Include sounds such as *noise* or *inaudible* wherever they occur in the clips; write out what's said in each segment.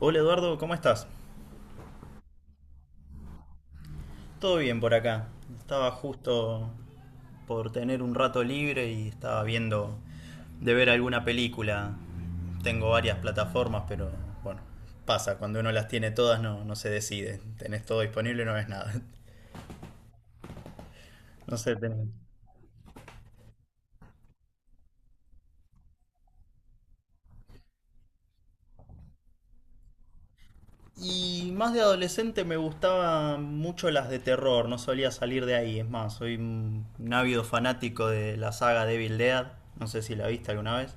Hola Eduardo, ¿cómo estás? Todo bien por acá. Estaba justo por tener un rato libre y estaba viendo de ver alguna película. Tengo varias plataformas, pero bueno, pasa, cuando uno las tiene todas no se decide. Tenés todo disponible, y no ves nada. *laughs* No sé, tenés- Y más de adolescente me gustaban mucho las de terror, no solía salir de ahí. Es más, soy un ávido fanático de la saga Devil Dead. No sé si la viste alguna vez.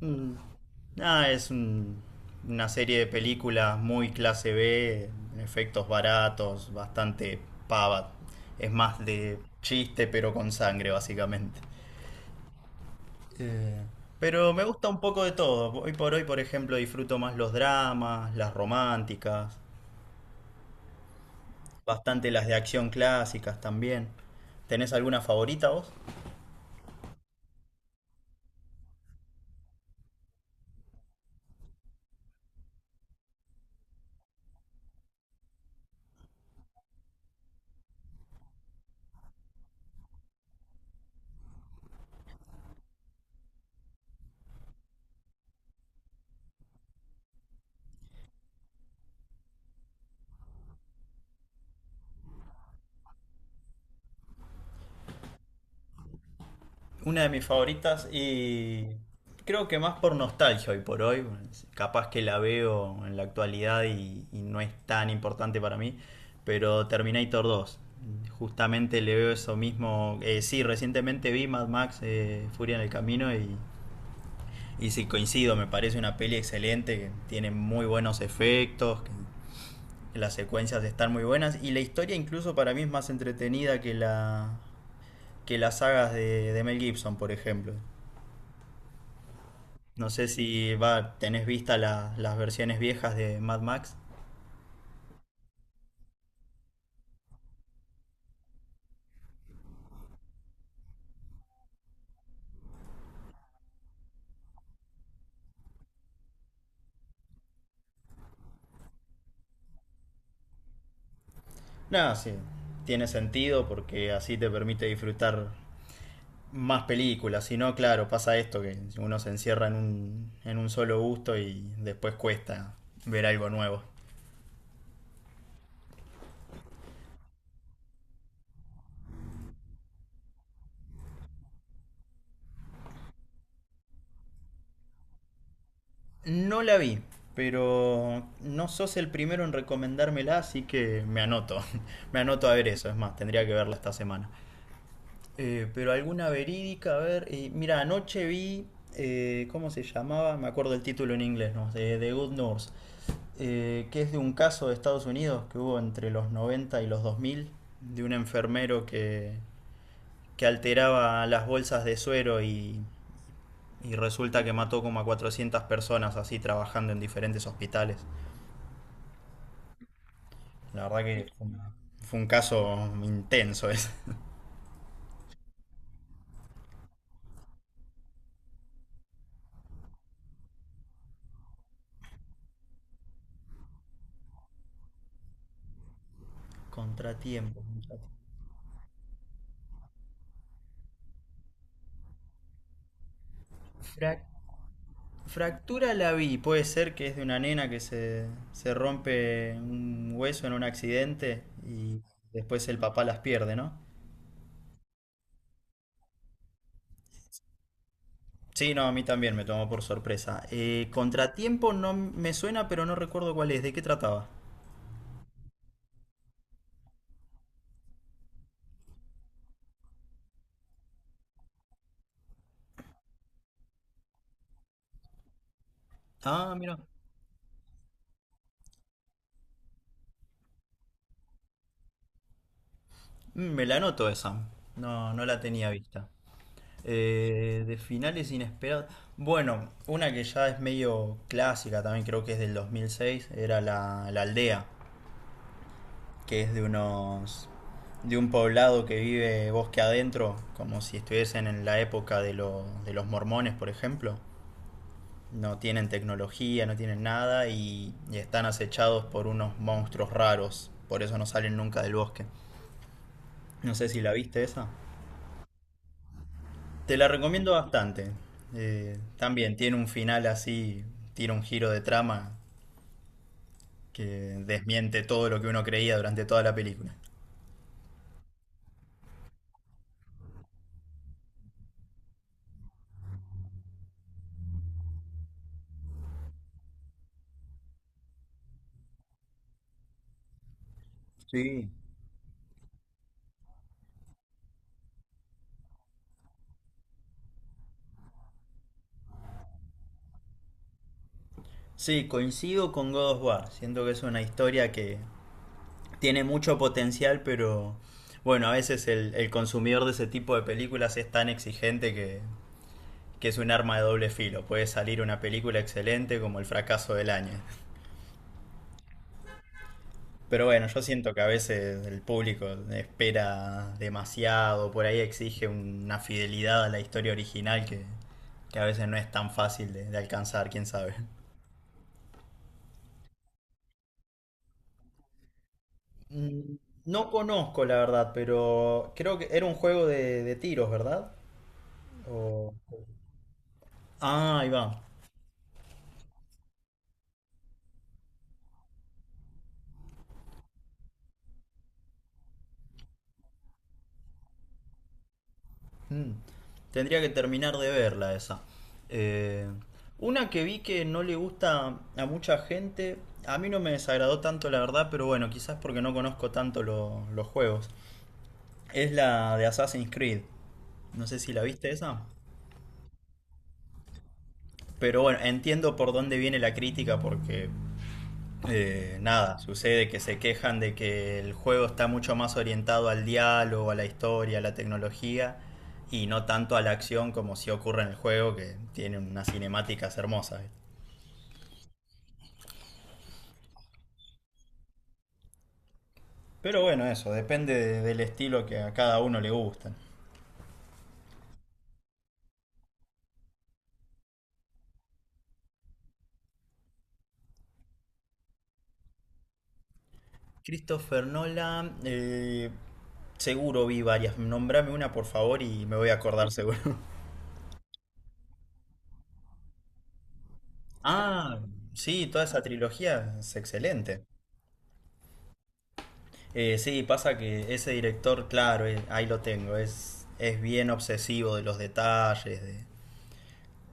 Mm, Nada, es un- una serie de películas muy clase B, efectos baratos, bastante pava. Es más de chiste, pero con sangre, básicamente. Eh, pero me gusta un poco de todo. Hoy por hoy, por ejemplo, disfruto más los dramas, las románticas, bastante las de acción clásicas también. ¿Tenés alguna favorita vos? Una de mis favoritas y creo que más por nostalgia hoy por hoy, capaz que la veo en la actualidad y no es tan importante para mí, pero Terminator 2. Justamente le veo eso mismo. Sí, recientemente vi Mad Max Furia en el Camino y sí coincido, me parece una peli excelente, que tiene muy buenos efectos, que las secuencias están muy buenas y la historia incluso para mí es más entretenida que la que las sagas de Mel Gibson, por ejemplo. No sé si va, tenés vista la- las versiones viejas de Mad Max. No, sí, tiene sentido porque así te permite disfrutar más películas. Si no, claro, pasa esto que uno se encierra en un solo gusto y después cuesta ver algo nuevo. No la vi, pero no sos el primero en recomendármela, así que me anoto. *laughs* Me anoto a ver eso. Es más, tendría que verla esta semana. Pero alguna verídica, a ver. Mira, anoche vi, ¿cómo se llamaba? Me acuerdo el título en inglés, ¿no? De The Good Nurse, que es de un caso de Estados Unidos que hubo entre los 90 y los 2000, de un enfermero que alteraba las bolsas de suero y resulta que mató como a 400 personas así trabajando en diferentes hospitales. La verdad que fue, una- fue un caso intenso ese. Contratiempo. Contratiempo. Fractura la vi, puede ser que es de una nena que se rompe un hueso en un accidente y después el papá las pierde, ¿no? Sí, no, a mí también me tomó por sorpresa. Contratiempo no me suena, pero no recuerdo cuál es, ¿de qué trataba? Ah, mira, mm, me la noto esa. No, no la tenía vista. De finales inesperados. Bueno, una que ya es medio clásica también, creo que es del 2006, era la, la aldea. Que es de unos de un poblado que vive bosque adentro, como si estuviesen en la época de, lo- de los mormones, por ejemplo. No tienen tecnología, no tienen nada y, y están acechados por unos monstruos raros. Por eso no salen nunca del bosque. No sé si la viste esa. Te la recomiendo bastante. También tiene un final así, tira un giro de trama que desmiente todo lo que uno creía durante toda la película. Sí. Sí, coincido con God of War. Siento que es una historia que tiene mucho potencial, pero bueno, a veces el consumidor de ese tipo de películas es tan exigente que es un arma de doble filo. Puede salir una película excelente como el fracaso del año. Pero bueno, yo siento que a veces el público espera demasiado, por ahí exige una fidelidad a la historia original que a veces no es tan fácil de alcanzar, quién sabe. Mm, no conozco la verdad, pero creo que era un juego de tiros, ¿verdad? O- ah, ahí va. Mm. Tendría que terminar de verla esa. Eh, una que vi que no le gusta a mucha gente, a mí no me desagradó tanto la verdad, pero bueno, quizás porque no conozco tanto lo- los juegos. Es la de Assassin's Creed. No sé si la viste esa. Pero bueno, entiendo por dónde viene la crítica porque nada, sucede que se quejan de que el juego está mucho más orientado al diálogo, a la historia, a la tecnología y no tanto a la acción como si ocurre en el juego que tiene unas cinemáticas hermosas. Pero bueno, eso, depende de- del estilo que a cada uno le gusta. Christopher Nolan, seguro vi varias. Nombrame una por favor y me voy a acordar seguro. *laughs* Ah, sí, toda esa trilogía es excelente. Sí, pasa que ese director, claro, ahí lo tengo, es bien obsesivo de los detalles. De,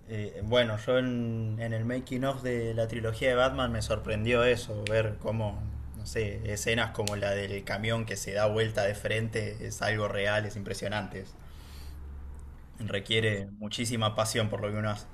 bueno, yo en el making of de la trilogía de Batman me sorprendió eso, ver cómo, no sé, escenas como la del camión que se da vuelta de frente es algo real, es impresionante. Es- requiere muchísima pasión por lo que uno hace.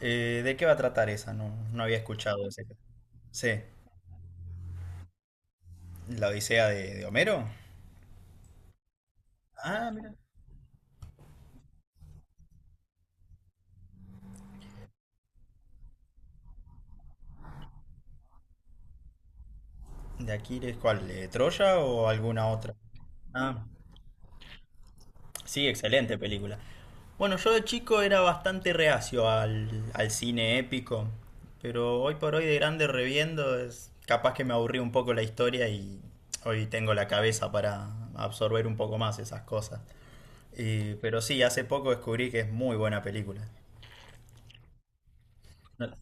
¿De qué va a tratar esa? No, no había escuchado ese. Sí, la Odisea de Homero. Ah, mira. ¿De Aquiles cuál? ¿De Troya o alguna otra? Ah, sí, excelente película. Bueno, yo de chico era bastante reacio al, al cine épico, pero hoy por hoy de grande reviendo es capaz que me aburrí un poco la historia y hoy tengo la cabeza para absorber un poco más esas cosas. Y- pero sí, hace poco descubrí que es muy buena película. No-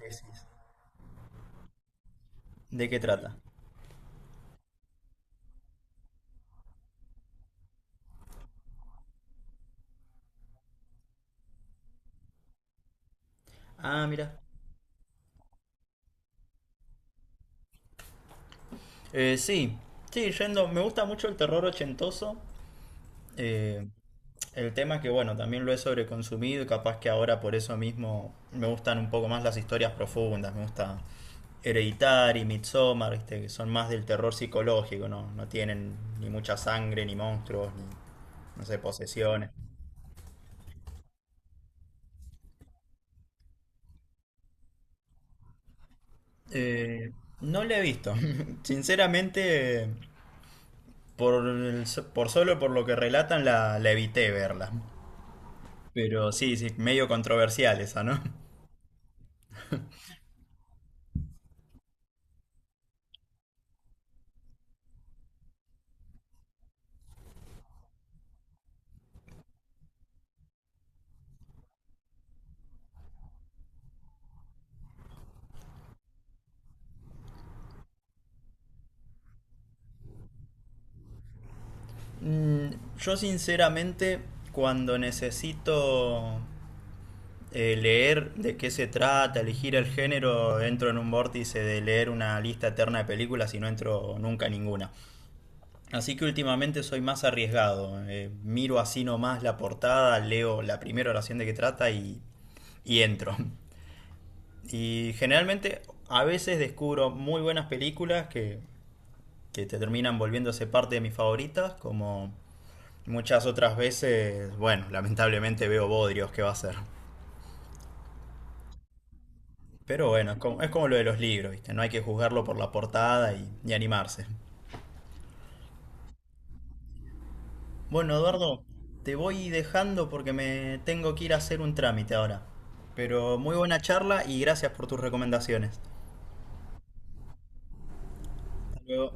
decís. ¿De qué trata? Ah, mira. Eh, sí, sí, yendo, me gusta mucho el terror ochentoso. Eh, el tema es que, bueno, también lo he sobreconsumido y capaz que ahora por eso mismo me gustan un poco más las historias profundas. Me gusta Hereditary, Midsommar, ¿viste? Que son más del terror psicológico, ¿no? No tienen ni mucha sangre, ni monstruos, ni, no sé, posesiones. Eh, no la he visto. *laughs* Sinceramente, por, el- por solo por lo que relatan, la evité verla. Pero sí, sí, medio controversial esa, ¿no? Mm, yo sinceramente, cuando necesito leer de qué se trata, elegir el género, entro en un vórtice de leer una lista eterna de películas y no entro nunca a ninguna. Así que últimamente soy más arriesgado. Miro así nomás la portada, leo la primera oración de qué trata y entro. Y generalmente a veces descubro muy buenas películas que te terminan volviéndose parte de mis favoritas, como muchas otras veces, bueno, lamentablemente veo bodrios, ¿qué va a ser? Pero bueno, es como lo de los libros, ¿viste? No hay que juzgarlo por la portada y animarse. Bueno, Eduardo, te voy dejando porque me tengo que ir a hacer un trámite ahora. Pero muy buena charla y gracias por tus recomendaciones. Hasta luego.